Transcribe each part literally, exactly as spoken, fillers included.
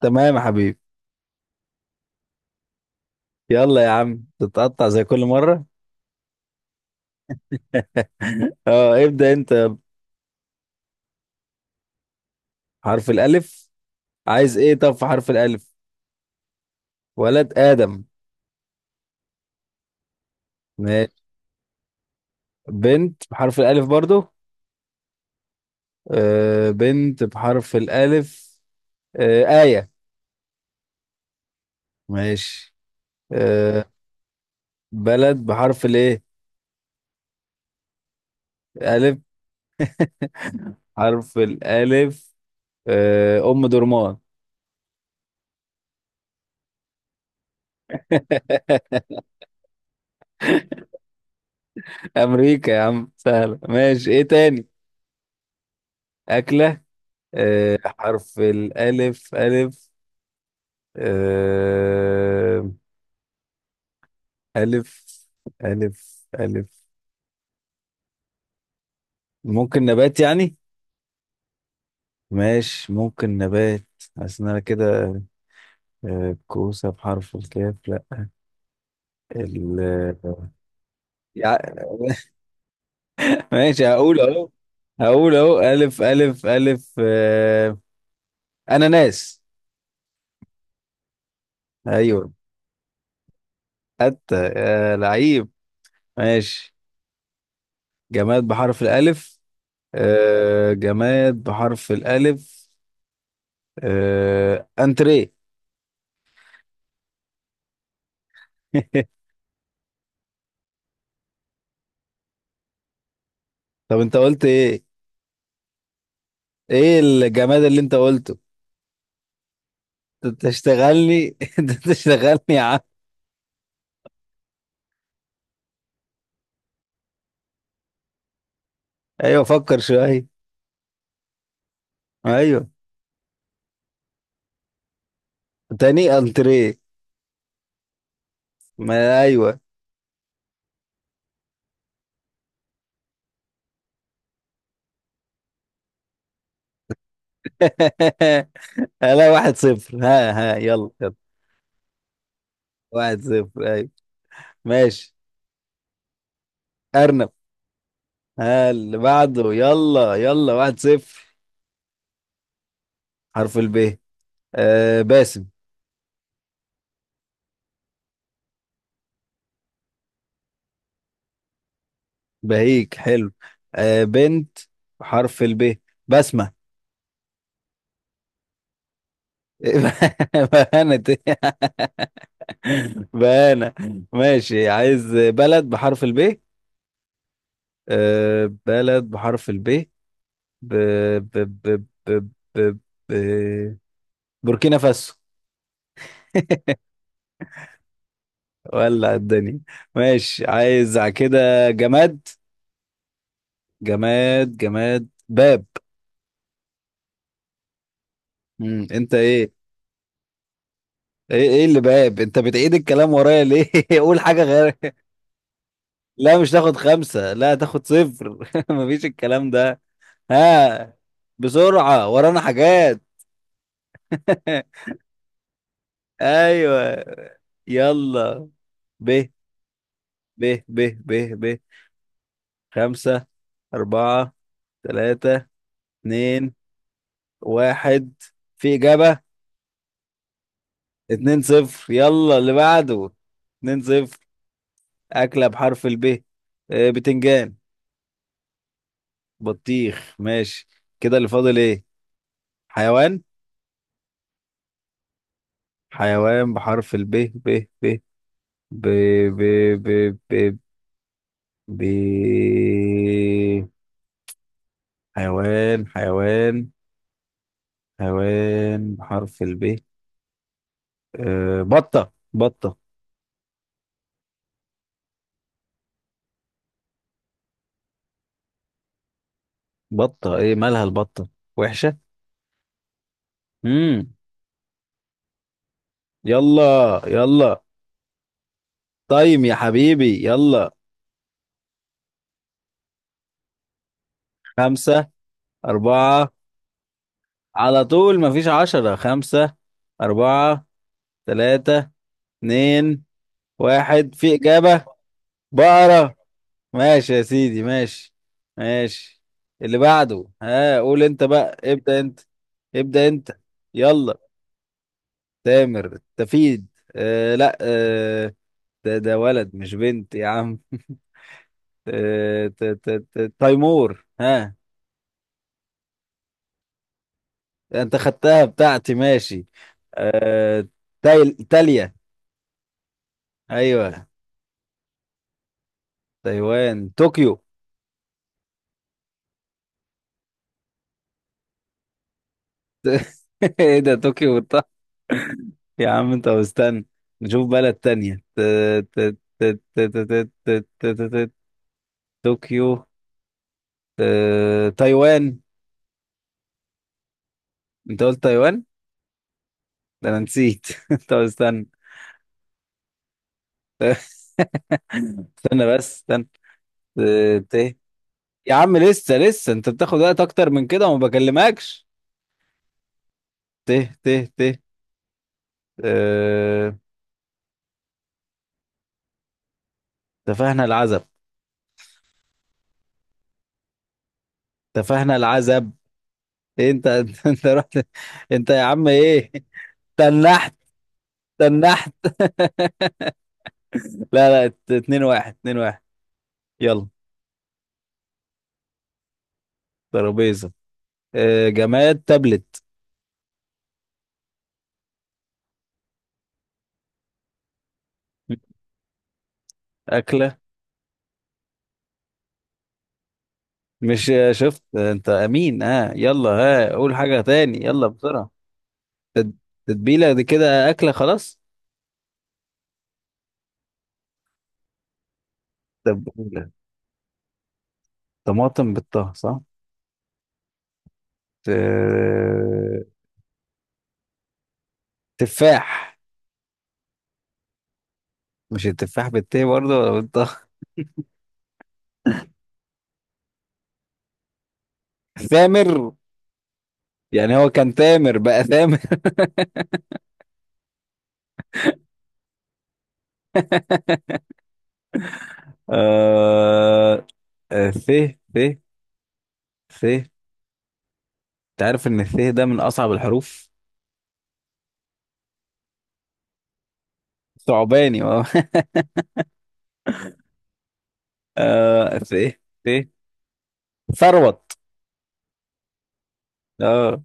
تمام يا حبيبي. يلا يا عم تتقطع زي كل مرة. اه، ابدأ انت. حرف الألف. عايز ايه طب في حرف الألف؟ ولد آدم. ماشي. بنت بحرف الألف برضو. آه بنت بحرف الألف. آه آية. ماشي. آه بلد بحرف الايه. ألف. حرف الألف. آه أم درمان. أمريكا يا عم سهلة. ماشي، ايه تاني؟ أكلة. آه حرف الألف ألف. آه، ألف ألف ألف. ممكن نبات يعني. ماشي، ممكن نبات. حاسس إن أنا كده آه، كوسة بحرف الكاف لا. ال- يع- ماشي، هقول أهو. هقول أهو ألف ألف ألف آه، أناناس. أيوه. أتى آه، لعيب. ماشي. جماد بحرف الألف. آه، جماد بحرف الألف. آه، أنتريه. طب أنت قلت إيه؟ ايه الجماد اللي انت قلته؟ انت تشتغلني. انت تشتغلني يا عم. ايوه فكر شويه. ايوه. تاني انتريه. ما ايوه. لا، واحد صفر. ها ها، يلا يلا. واحد صفر. ايوه. ماشي. ارنب. ها، اللي بعده، يلا يلا. واحد صفر. حرف الب. آه باسم. بهيك حلو. آه بنت. حرف الب. بسمة. انا بانا. ماشي، عايز بلد بحرف الب. آه بلد بحرف الب. ب... ب... ب... ب... ب... ب... بوركينا فاسو. ولع الدنيا. ماشي، عايز على كده جماد. جماد جماد، باب. مم. انت ايه؟ ايه ايه اللي باب، انت بتعيد الكلام ورايا ليه؟ قول حاجة غير. لا، مش تاخد خمسة، لا، تاخد صفر. مفيش الكلام ده. ها، بسرعة، ورانا حاجات. ايوه. يلا. ب ب ب ب ب خمسة، أربعة، ثلاثة، اتنين، واحد. في إجابة. اتنين صفر، يلا اللي بعده. اتنين صفر. أكلة بحرف الب. آه، بتنجان. بطيخ. ماشي. كده اللي فاضل ايه؟ حيوان. حيوان بحرف الب. ب ب ب ب ب ب ب حيوان، حيوان، حيوان بحرف الب. أه، بطة بطة. بطة ايه مالها البطة؟ وحشة. امم يلا يلا. طيب يا حبيبي، يلا. خمسة، أربعة. على طول مفيش عشرة. خمسة، أربعة، تلاتة، اتنين، واحد. في إجابة. بقرة. ماشي يا سيدي، ماشي. ماشي. اللي بعده. ها، قول انت بقى، ابدأ انت. ابدأ انت. يلا. تامر تفيد آه لا آه ده ده ولد مش بنت يا عم. آه، ت- ت- ت- تيمور. ها. انت خدتها بتاعتي. ماشي. آه، تايل تاليا. ايوه. تايوان، طوكيو. ايه ده، طوكيو بالط- يا عم انت مستني. نشوف بلد تانية. ت- ت- ت- ت- ت- ت- ت- ت- ت- ت- طوكيو. آه، تايوان. انت قلت تايوان. ده انا نسيت. انت استنى. استنى بس استنى. ت- ت- يا عم لسه لسه، انت بتاخد وقت اكتر من كده وما بكلمكش. ته ته ته اه... تفاهنا العزب. تفاهنا العزب. إيه انت. انت انت رحت. انت يا عم ايه؟ تنحت. تنحت. لا لا، ات- اتنين واحد، اتنين واحد. يلا. ترابيزة. اه... جماد تابلت. أكلة. مش آه، شفت آه، انت امين. اه يلا، ها، قول حاجة تاني يلا بسرعة. تتبيلة دي كده أكلة خلاص. تتبيلة طماطم بالطه، صح؟ ت- تفاح. مش التفاح بالتاء برضه ولا بالطه؟ ثامر. يعني هو كان تامر بقى ثامر. آه... آه... ث ث ث انت عارف ان الث ده من اصعب الحروف. ثعباني اه. آه، ث ث ثروت. اه.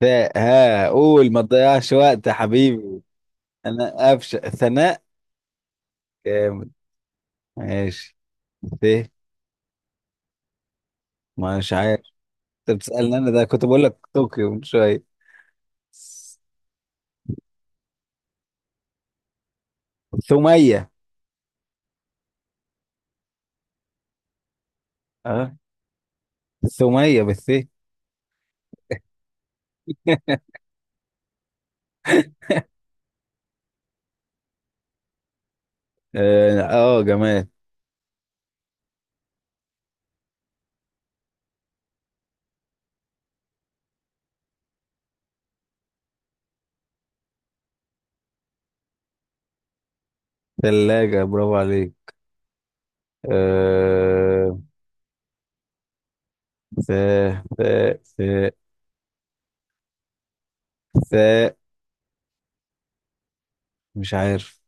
ثاء. ها قول، ما تضيعش وقت يا حبيبي. انا قفشه ثناء. جامد. ماشي. ث مش عارف. انت بتسألني، انا ده كنت بقول لك طوكيو من شويه. ث- ثمية. اه. ثومية بالث. اه. آه، جماد ثلاجة. برافو عليك. آه ث ث ث ث مش عارف.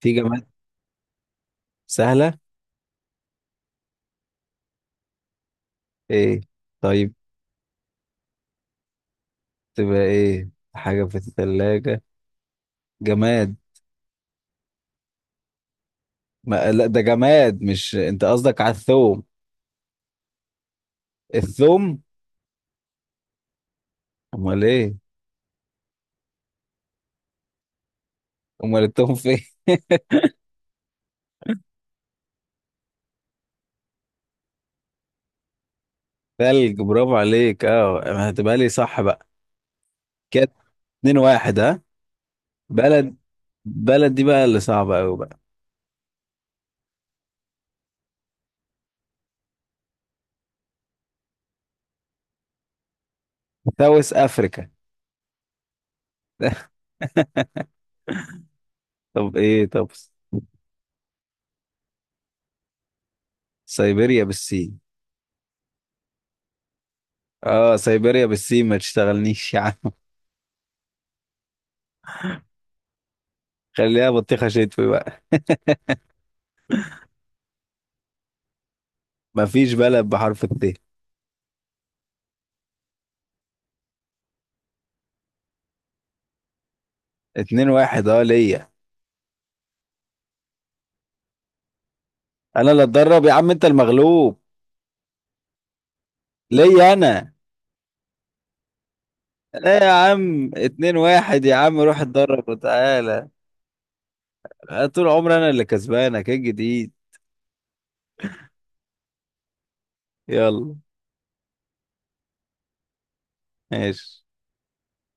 في جماد سهلة؟ ايه؟ طيب، تبقى ايه حاجة في الثلاجة؟ جماد. ما لا ده جماد. مش انت قصدك على الثوم؟ الثوم. امال ايه؟ امال الثوم فين؟ ثلج، برافو عليك. اه، هتبقى لي صح بقى. كده اتنين واحد، ها. بلد. بلد دي بقى اللي صعبة أوي. ساوث افريكا. طب ايه، طب. سيبيريا بالسين. اه سيبيريا بالسين، ما تشتغلنيش يا عم. خليها بطيخه شتوي بقى. مفيش بلد بحرف الت. اتنين واحد، اه، ليا. انا اللي اتدرب يا عم، انت المغلوب. ليا انا. ايه يا عم، اتنين واحد يا عم، روح اتدرب وتعالى. طول عمري انا اللي كسبانك، ايه الجديد؟ يلا. ماشي.